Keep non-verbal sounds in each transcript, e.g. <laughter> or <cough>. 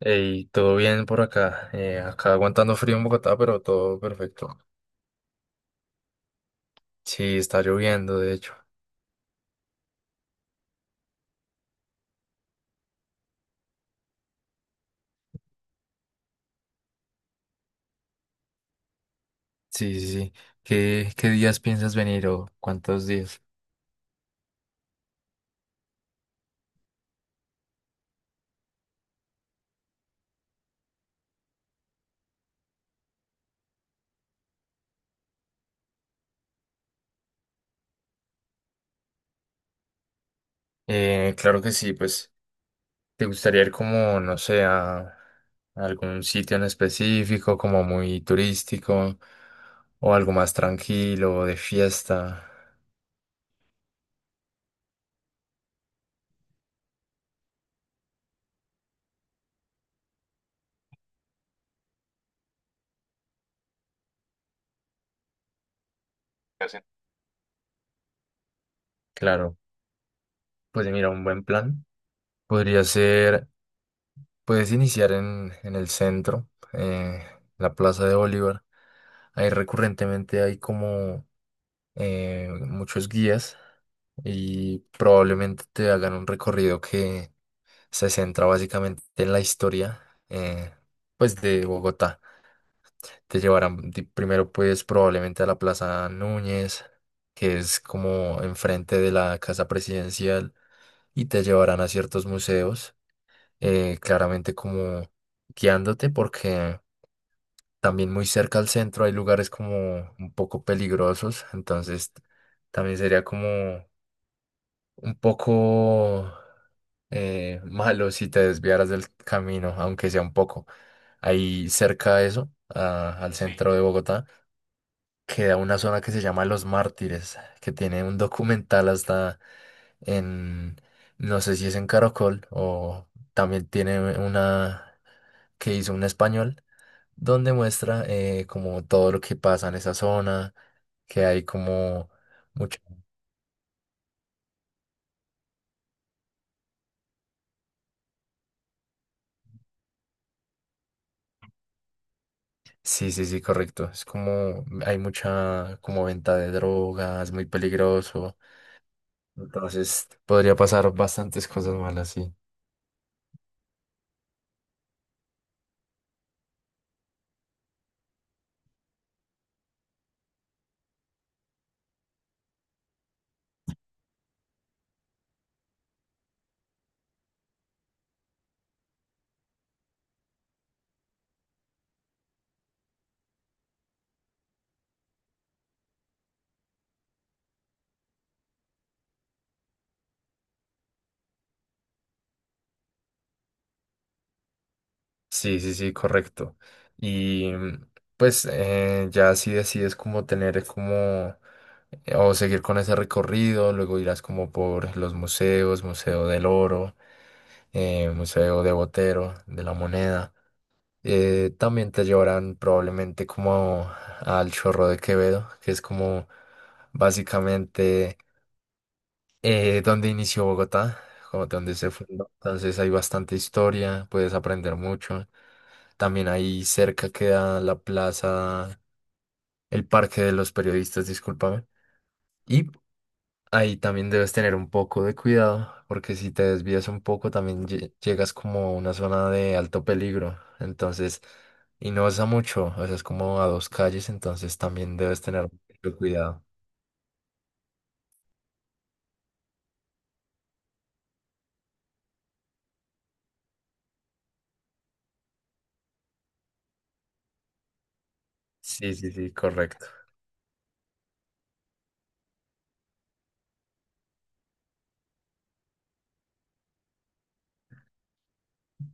Y todo bien por acá. Acá aguantando frío en Bogotá, pero todo perfecto. Sí, está lloviendo, de hecho. Sí, sí, sí. ¿Qué días piensas venir o cuántos días? Claro que sí, pues, ¿te gustaría ir como, no sé, a algún sitio en específico, como muy turístico, o algo más tranquilo, de fiesta? ¿Qué hacen? Claro, pues mira, un buen plan podría ser, puedes iniciar en el centro, eh, la Plaza de Bolívar. Ahí recurrentemente hay como muchos guías y probablemente te hagan un recorrido que se centra básicamente en la historia eh, pues de Bogotá. Te llevarán primero pues probablemente a la Plaza Núñez, que es como enfrente de la Casa Presidencial y te llevarán a ciertos museos, claramente como guiándote porque también muy cerca al centro hay lugares como un poco peligrosos, entonces también sería como un poco malo si te desviaras del camino, aunque sea un poco. Ahí cerca de eso, al, centro de Bogotá, queda una zona que se llama Los Mártires, que tiene un documental hasta en, no sé si es en Caracol o también tiene una que hizo un español donde muestra como todo lo que pasa en esa zona, que hay como mucha... Sí, sí, sí, correcto. Es como hay mucha como venta de drogas, muy peligroso. Entonces podría pasar bastantes cosas malas, sí. Sí, sí, sí, correcto. Y pues ya si decides como tener como o seguir con ese recorrido, luego irás como por los museos, Museo del Oro, Museo de Botero, de la Moneda. También te llevarán probablemente como al Chorro de Quevedo, que es como básicamente donde inició Bogotá, como donde se fundó. Entonces hay bastante historia, puedes aprender mucho. También ahí cerca queda la plaza, el Parque de los Periodistas, discúlpame. Y ahí también debes tener un poco de cuidado, porque si te desvías un poco también llegas como a una zona de alto peligro. Entonces, y no es a mucho, o sea, es como a dos calles, entonces también debes tener mucho cuidado. Sí, sí, sí, correcto.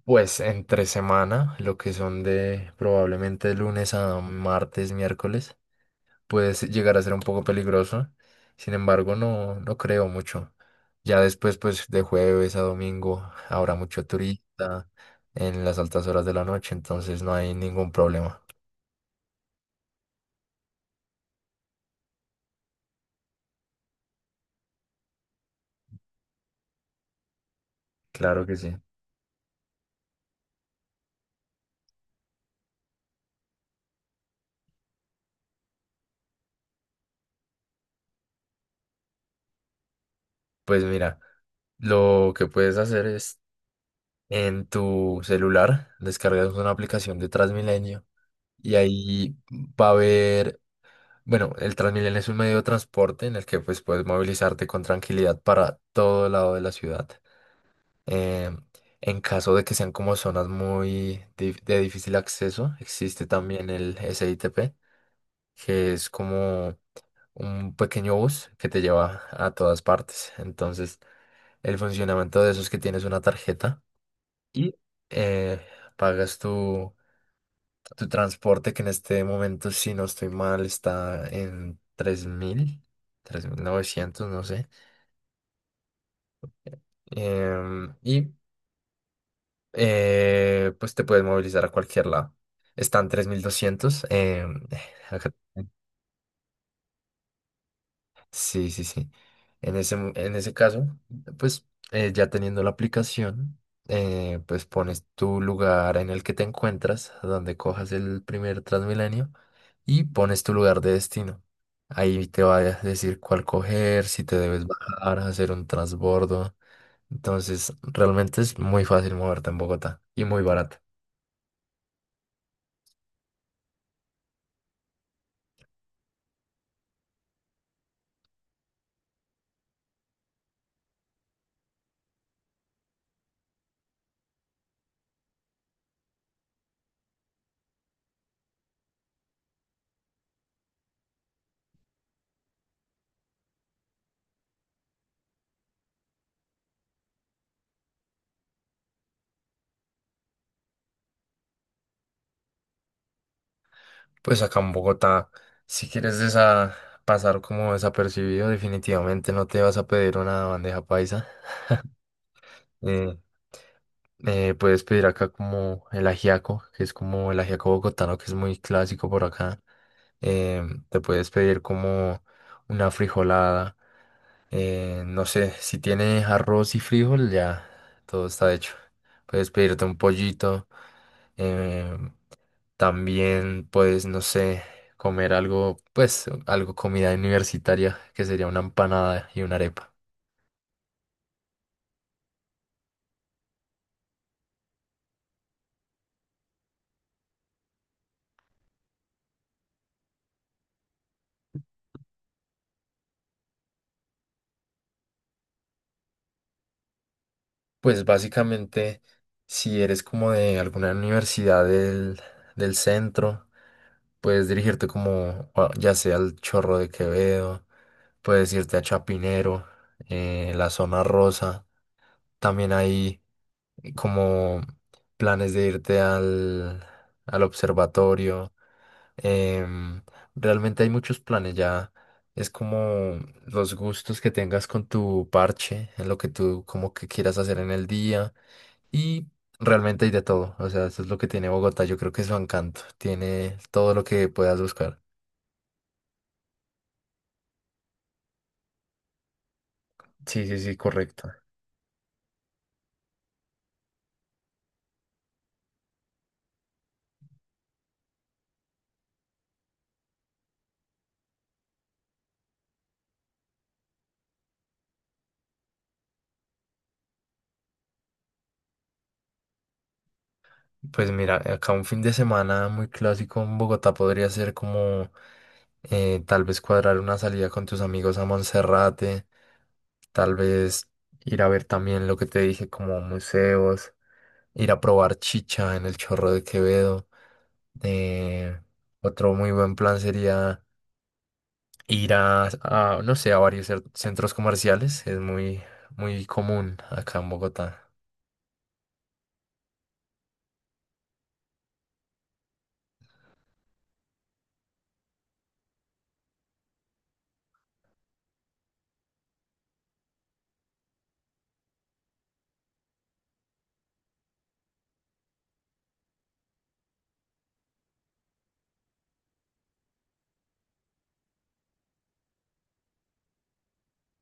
Pues entre semana, lo que son de probablemente lunes a martes, miércoles, puede llegar a ser un poco peligroso. Sin embargo, no creo mucho. Ya después, pues de jueves a domingo, habrá mucho turista en las altas horas de la noche, entonces no hay ningún problema. Claro que sí. Pues mira, lo que puedes hacer es en tu celular, descargas una aplicación de Transmilenio y ahí va a haber, bueno, el Transmilenio es un medio de transporte en el que pues puedes movilizarte con tranquilidad para todo lado de la ciudad. Eh, en caso de que sean como zonas muy de difícil acceso, existe también el SITP, que es como un pequeño bus que te lleva a todas partes. Entonces, el funcionamiento de eso es que tienes una tarjeta y eh, pagas tu transporte, que en este momento, si no estoy mal, está en 3900 no sé. Y pues te puedes movilizar a cualquier lado. Están 3200. <laughs> Acá- sí, sí, sí. En ese, en ese caso, pues ya teniendo la aplicación, pues pones tu lugar en el que te encuentras, donde cojas el primer Transmilenio y pones tu lugar de destino. Ahí te va a decir cuál coger, si te debes bajar, hacer un transbordo. Entonces, realmente es muy fácil moverte en Bogotá y muy barato. Pues acá en Bogotá, si quieres pasar como desapercibido, definitivamente no te vas a pedir una bandeja paisa. Eh, Puedes pedir acá como el ajiaco, que es como el ajiaco bogotano, que es muy clásico por acá. Eh, Te puedes pedir como una frijolada. No sé, si tienes arroz y frijol, ya todo está hecho. Puedes pedirte un pollito. eh, También, puedes no sé, comer algo, pues, algo comida universitaria, que sería una empanada y una arepa. Pues básicamente, si eres como de alguna universidad del centro, puedes dirigirte como, o ya sea al Chorro de Quevedo, puedes irte a Chapinero, la zona rosa. También hay como planes de irte al observatorio. Em, Realmente hay muchos planes, ya es como los gustos que tengas con tu parche, en lo que tú como que quieras hacer en el día y realmente hay de todo, o sea, eso es lo que tiene Bogotá, yo creo que es su encanto, tiene todo lo que puedas buscar. Sí, sí, sí, correcto. Pues mira, acá un fin de semana muy clásico en Bogotá podría ser como tal vez cuadrar una salida con tus amigos a Monserrate, tal vez ir a ver también lo que te dije como museos, ir a probar chicha en el Chorro de Quevedo. eh, Otro muy buen plan sería ir no sé, a varios centros comerciales, es muy, muy común acá en Bogotá.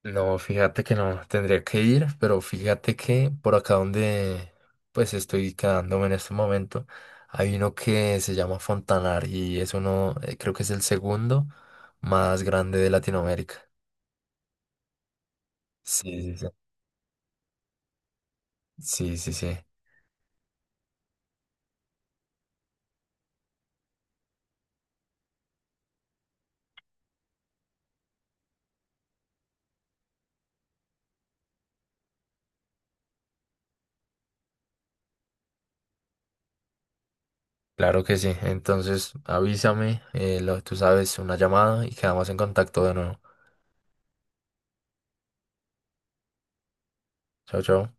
No, fíjate que no, tendría que ir, pero fíjate que por acá donde pues estoy quedándome en este momento, hay uno que se llama Fontanar y es uno, creo que es el segundo más grande de Latinoamérica. Sí, sí, sí. Sí, sí, sí. Claro que sí. Entonces avísame, lo, tú sabes, una llamada y quedamos en contacto de nuevo. Chao, chao.